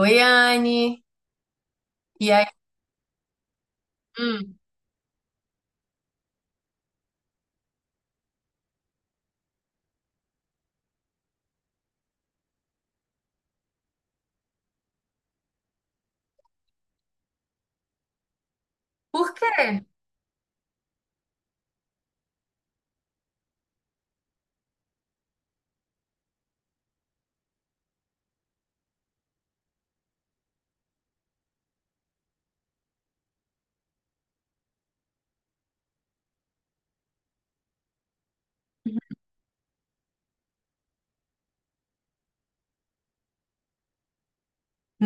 Oi, Anne. E aí? Hum, por quê?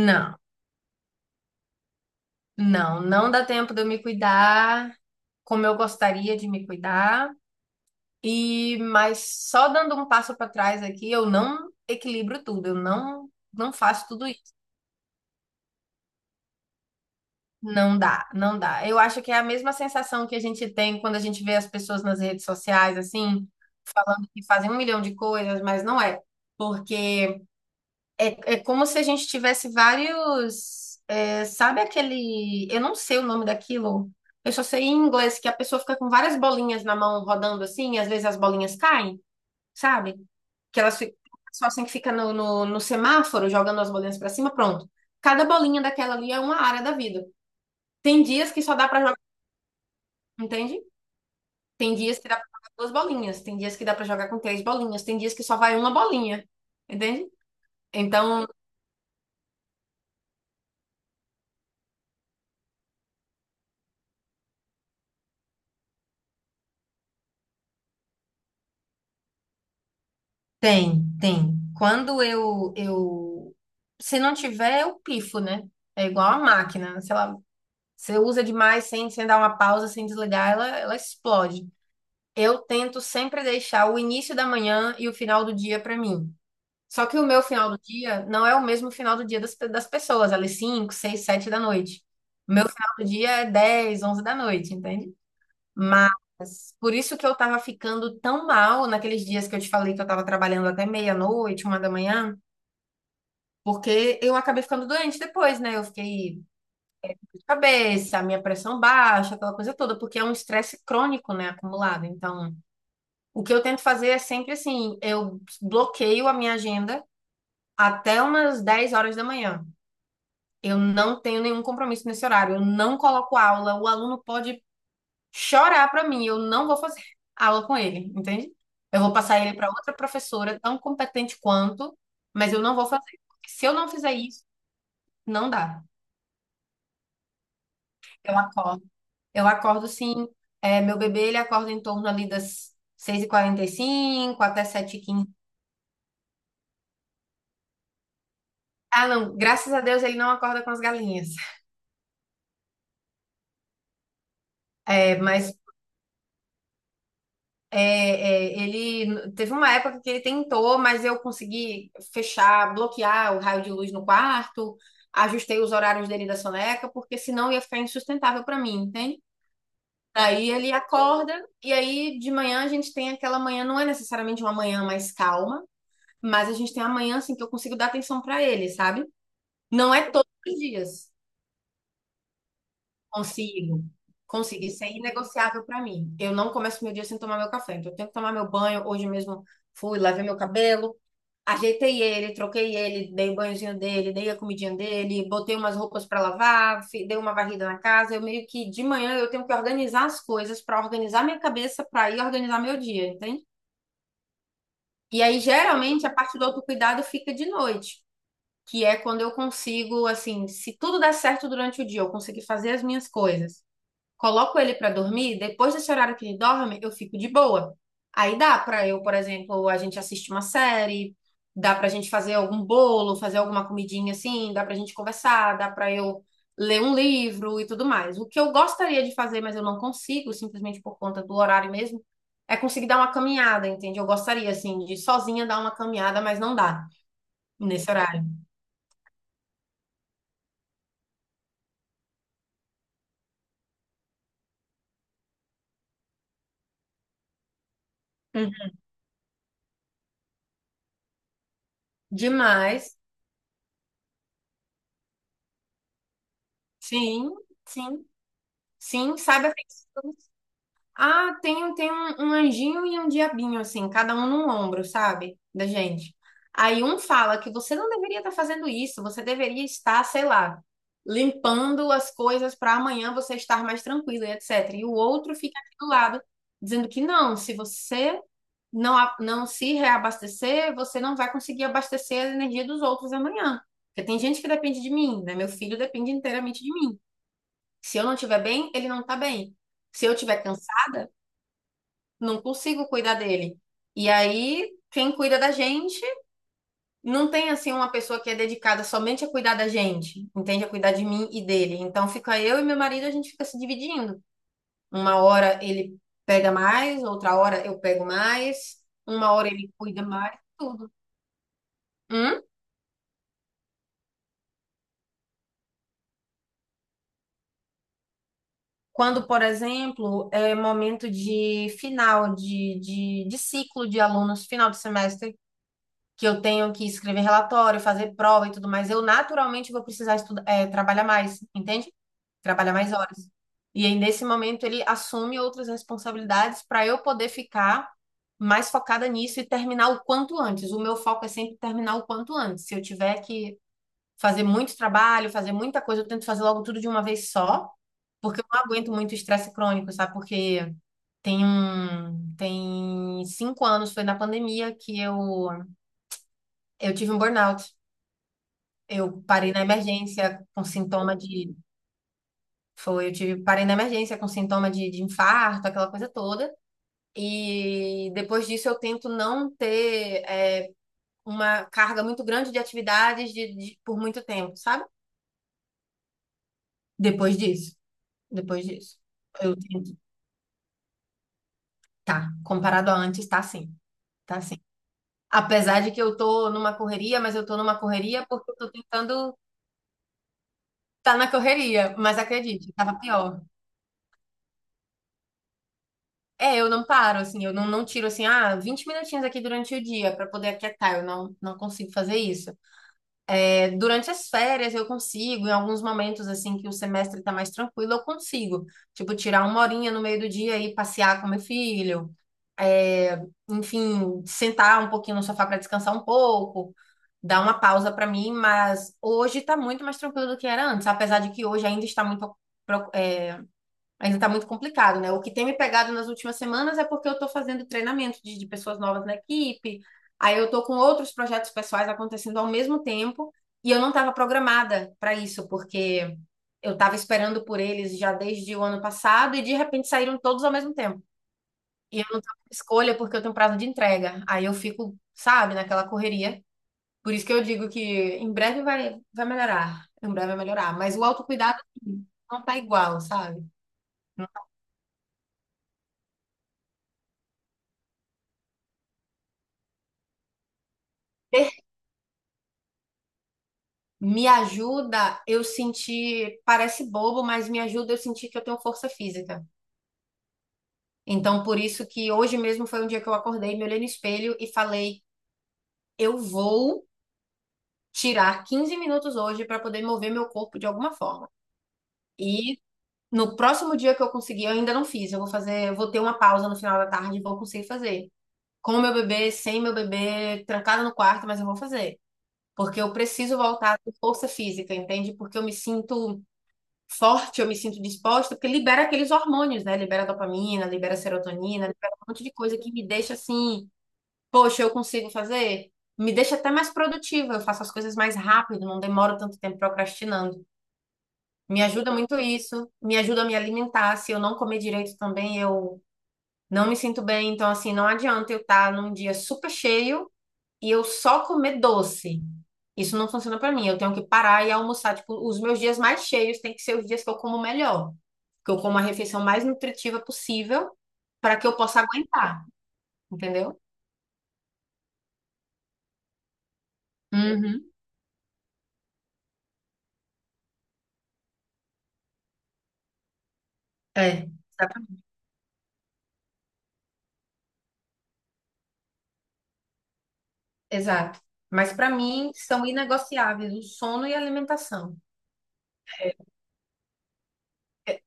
Não, não, não dá tempo de eu me cuidar como eu gostaria de me cuidar. E mas só dando um passo para trás aqui, eu não equilibro tudo. Eu não faço tudo isso. Não dá, não dá. Eu acho que é a mesma sensação que a gente tem quando a gente vê as pessoas nas redes sociais assim, falando que fazem um milhão de coisas, mas não é. Porque é como se a gente tivesse vários. Sabe aquele? Eu não sei o nome daquilo. Eu só sei em inglês que a pessoa fica com várias bolinhas na mão rodando assim, e às vezes as bolinhas caem, sabe? Que elas ficam. Só assim que fica no semáforo, jogando as bolinhas pra cima, pronto. Cada bolinha daquela ali é uma área da vida. Tem dias que só dá pra jogar, entende? Tem dias que dá pra jogar duas bolinhas, tem dias que dá pra jogar com três bolinhas, tem dias que só vai uma bolinha, entende? Então. Tem, tem. Quando eu... Se não tiver, eu pifo, né? É igual a máquina, né? Se ela, você usa demais sem dar uma pausa, sem desligar, ela explode. Eu tento sempre deixar o início da manhã e o final do dia para mim. Só que o meu final do dia não é o mesmo final do dia das pessoas, ali 5, 6, 7 da noite. O meu final do dia é 10, 11 da noite, entende? Mas por isso que eu tava ficando tão mal naqueles dias que eu te falei que eu tava trabalhando até meia-noite, 1 da manhã, porque eu acabei ficando doente depois, né? Eu fiquei de cabeça, minha pressão baixa, aquela coisa toda, porque é um estresse crônico, né, acumulado. Então, o que eu tento fazer é sempre assim: eu bloqueio a minha agenda até umas 10 horas da manhã. Eu não tenho nenhum compromisso nesse horário, eu não coloco aula, o aluno pode chorar pra mim, eu não vou fazer aula com ele, entende? Eu vou passar ele pra outra professora, tão competente quanto, mas eu não vou fazer. Porque se eu não fizer isso, não dá. Eu acordo. Eu acordo, sim. Meu bebê, ele acorda em torno ali das 6h45 até 7h15. Ah, não, graças a Deus ele não acorda com as galinhas. É, mas É, é, ele teve uma época que ele tentou, mas eu consegui fechar, bloquear o raio de luz no quarto, ajustei os horários dele da soneca, porque senão ia ficar insustentável para mim, entende? Daí ele acorda, e aí de manhã a gente tem aquela manhã, não é necessariamente uma manhã mais calma, mas a gente tem uma manhã assim que eu consigo dar atenção para ele, sabe? Não é todos os dias. Consigo. Consigo. Isso é inegociável para mim. Eu não começo meu dia sem tomar meu café. Então, eu tenho que tomar meu banho. Hoje mesmo fui, lavei meu cabelo, ajeitei ele, troquei ele, dei o banhozinho dele, dei a comidinha dele, botei umas roupas para lavar, dei uma varrida na casa. Eu meio que de manhã eu tenho que organizar as coisas para organizar minha cabeça para ir organizar meu dia, entende? E aí, geralmente, a parte do autocuidado fica de noite, que é quando eu consigo, assim, se tudo der certo durante o dia, eu conseguir fazer as minhas coisas, coloco ele pra dormir, depois desse horário que ele dorme, eu fico de boa. Aí dá pra eu, por exemplo, a gente assiste uma série, dá pra gente fazer algum bolo, fazer alguma comidinha assim, dá pra gente conversar, dá pra eu ler um livro e tudo mais. O que eu gostaria de fazer, mas eu não consigo, simplesmente por conta do horário mesmo, é conseguir dar uma caminhada, entende? Eu gostaria, assim, de sozinha dar uma caminhada, mas não dá nesse horário. Uhum. Demais. Sim, sim, sim, saiba Ah, tem um anjinho e um diabinho, assim, cada um num ombro, sabe? Da gente. Aí um fala que você não deveria estar fazendo isso, você deveria estar, sei lá, limpando as coisas para amanhã você estar mais tranquilo e etc. E o outro fica aqui do lado, dizendo que não, se você não se reabastecer, você não vai conseguir abastecer a energia dos outros amanhã. Porque tem gente que depende de mim, né? Meu filho depende inteiramente de mim. Se eu não estiver bem, ele não está bem. Se eu estiver cansada, não consigo cuidar dele. E aí, quem cuida da gente? Não tem assim uma pessoa que é dedicada somente a cuidar da gente, entende? A cuidar de mim e dele. Então fica eu e meu marido, a gente fica se dividindo. Uma hora ele pega mais, outra hora eu pego mais, uma hora ele cuida mais, tudo. Hum? Quando, por exemplo, é momento de final de ciclo de alunos, final de semestre, que eu tenho que escrever relatório, fazer prova e tudo mais, eu naturalmente vou precisar estudar, trabalhar mais, entende? Trabalhar mais horas. E aí, nesse momento, ele assume outras responsabilidades para eu poder ficar mais focada nisso e terminar o quanto antes. O meu foco é sempre terminar o quanto antes. Se eu tiver que fazer muito trabalho, fazer muita coisa, eu tento fazer logo tudo de uma vez só, porque eu não aguento muito estresse crônico, sabe? Porque tem um, tem 5 anos, foi na pandemia que eu tive um burnout. Eu parei na emergência com sintoma de. Foi, eu tive, parei na emergência com sintoma de infarto, aquela coisa toda. E depois disso eu tento não ter uma carga muito grande de atividades por muito tempo, sabe? Depois disso. Depois disso. Eu tento. Tá. Comparado a antes, tá sim. Tá sim. Apesar de que eu tô numa correria, mas eu tô numa correria porque eu tô tentando estar tá na correria. Mas acredite, tava pior. É, eu não paro, assim, eu não tiro, assim, ah, 20 minutinhos aqui durante o dia para poder aquietar, eu não consigo fazer isso. É, durante as férias eu consigo, em alguns momentos, assim, que o semestre tá mais tranquilo, eu consigo. Tipo, tirar uma horinha no meio do dia e passear com meu filho, enfim, sentar um pouquinho no sofá para descansar um pouco, dar uma pausa para mim, mas hoje tá muito mais tranquilo do que era antes, apesar de que hoje ainda está muito... Ainda tá muito complicado, né? O que tem me pegado nas últimas semanas é porque eu tô fazendo treinamento de pessoas novas na equipe, aí eu tô com outros projetos pessoais acontecendo ao mesmo tempo, e eu não estava programada para isso, porque eu estava esperando por eles já desde o ano passado e de repente saíram todos ao mesmo tempo. E eu não tava com escolha porque eu tenho prazo de entrega. Aí eu fico, sabe, naquela correria. Por isso que eu digo que em breve vai melhorar. Em breve vai melhorar. Mas o autocuidado não tá igual, sabe? Me ajuda eu sentir, parece bobo, mas me ajuda eu sentir que eu tenho força física. Então, por isso que hoje mesmo foi um dia que eu acordei, me olhei no espelho e falei: eu vou tirar 15 minutos hoje para poder mover meu corpo de alguma forma. E no próximo dia que eu conseguir, eu ainda não fiz, eu vou fazer, eu vou ter uma pausa no final da tarde e vou conseguir fazer. Com meu bebê, sem meu bebê, trancada no quarto, mas eu vou fazer. Porque eu preciso voltar com força física, entende? Porque eu me sinto forte, eu me sinto disposta, porque libera aqueles hormônios, né? Libera dopamina, libera serotonina, libera um monte de coisa que me deixa assim, poxa, eu consigo fazer. Me deixa até mais produtiva, eu faço as coisas mais rápido, não demoro tanto tempo procrastinando. Me ajuda muito isso, me ajuda a me alimentar. Se eu não comer direito também, eu não me sinto bem. Então, assim, não adianta eu estar num dia super cheio e eu só comer doce. Isso não funciona pra mim. Eu tenho que parar e almoçar. Tipo, os meus dias mais cheios têm que ser os dias que eu como melhor. Que eu como a refeição mais nutritiva possível para que eu possa aguentar, entendeu? Uhum. É. Dá pra... Exato. Mas pra mim são inegociáveis o sono e a alimentação. É é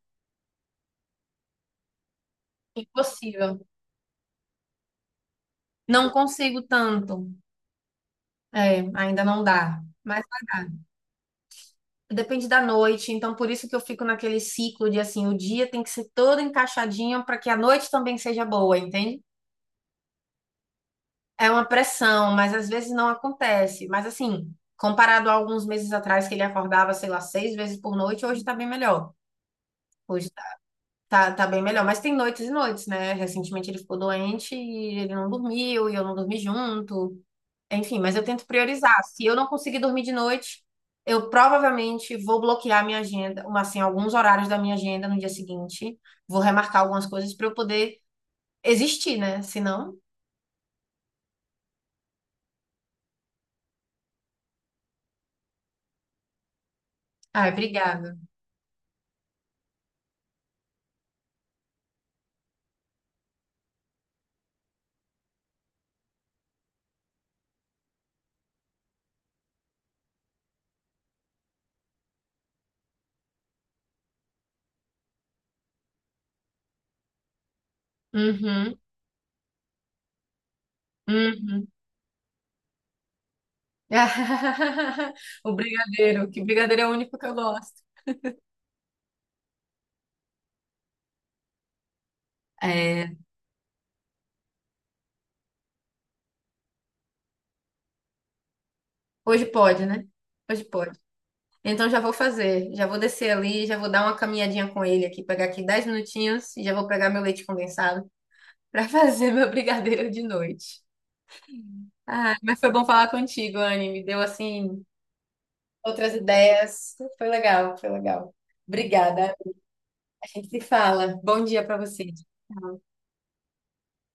impossível. Não consigo tanto. É, ainda não dá. Mas vai... Depende da noite, então por isso que eu fico naquele ciclo de assim, o dia tem que ser todo encaixadinho para que a noite também seja boa, entende? É uma pressão, mas às vezes não acontece. Mas assim, comparado a alguns meses atrás que ele acordava, sei lá, 6 vezes por noite, hoje tá bem melhor. Hoje tá bem melhor, mas tem noites e noites, né? Recentemente ele ficou doente e ele não dormiu, e eu não dormi junto. Enfim, mas eu tento priorizar. Se eu não conseguir dormir de noite, eu provavelmente vou bloquear minha agenda, uma, assim, alguns horários da minha agenda no dia seguinte. Vou remarcar algumas coisas para eu poder existir, né? Senão... Ai, obrigada. Uhum, uhum. O brigadeiro, que brigadeiro é o único que eu gosto. É, hoje pode, né? Hoje pode. Então já vou fazer, já vou descer ali, já vou dar uma caminhadinha com ele aqui, pegar aqui 10 minutinhos e já vou pegar meu leite condensado para fazer meu brigadeiro de noite. Ah, mas foi bom falar contigo, Anne. Me deu assim outras ideias. Foi legal, foi legal. Obrigada. A gente se fala. Bom dia para você.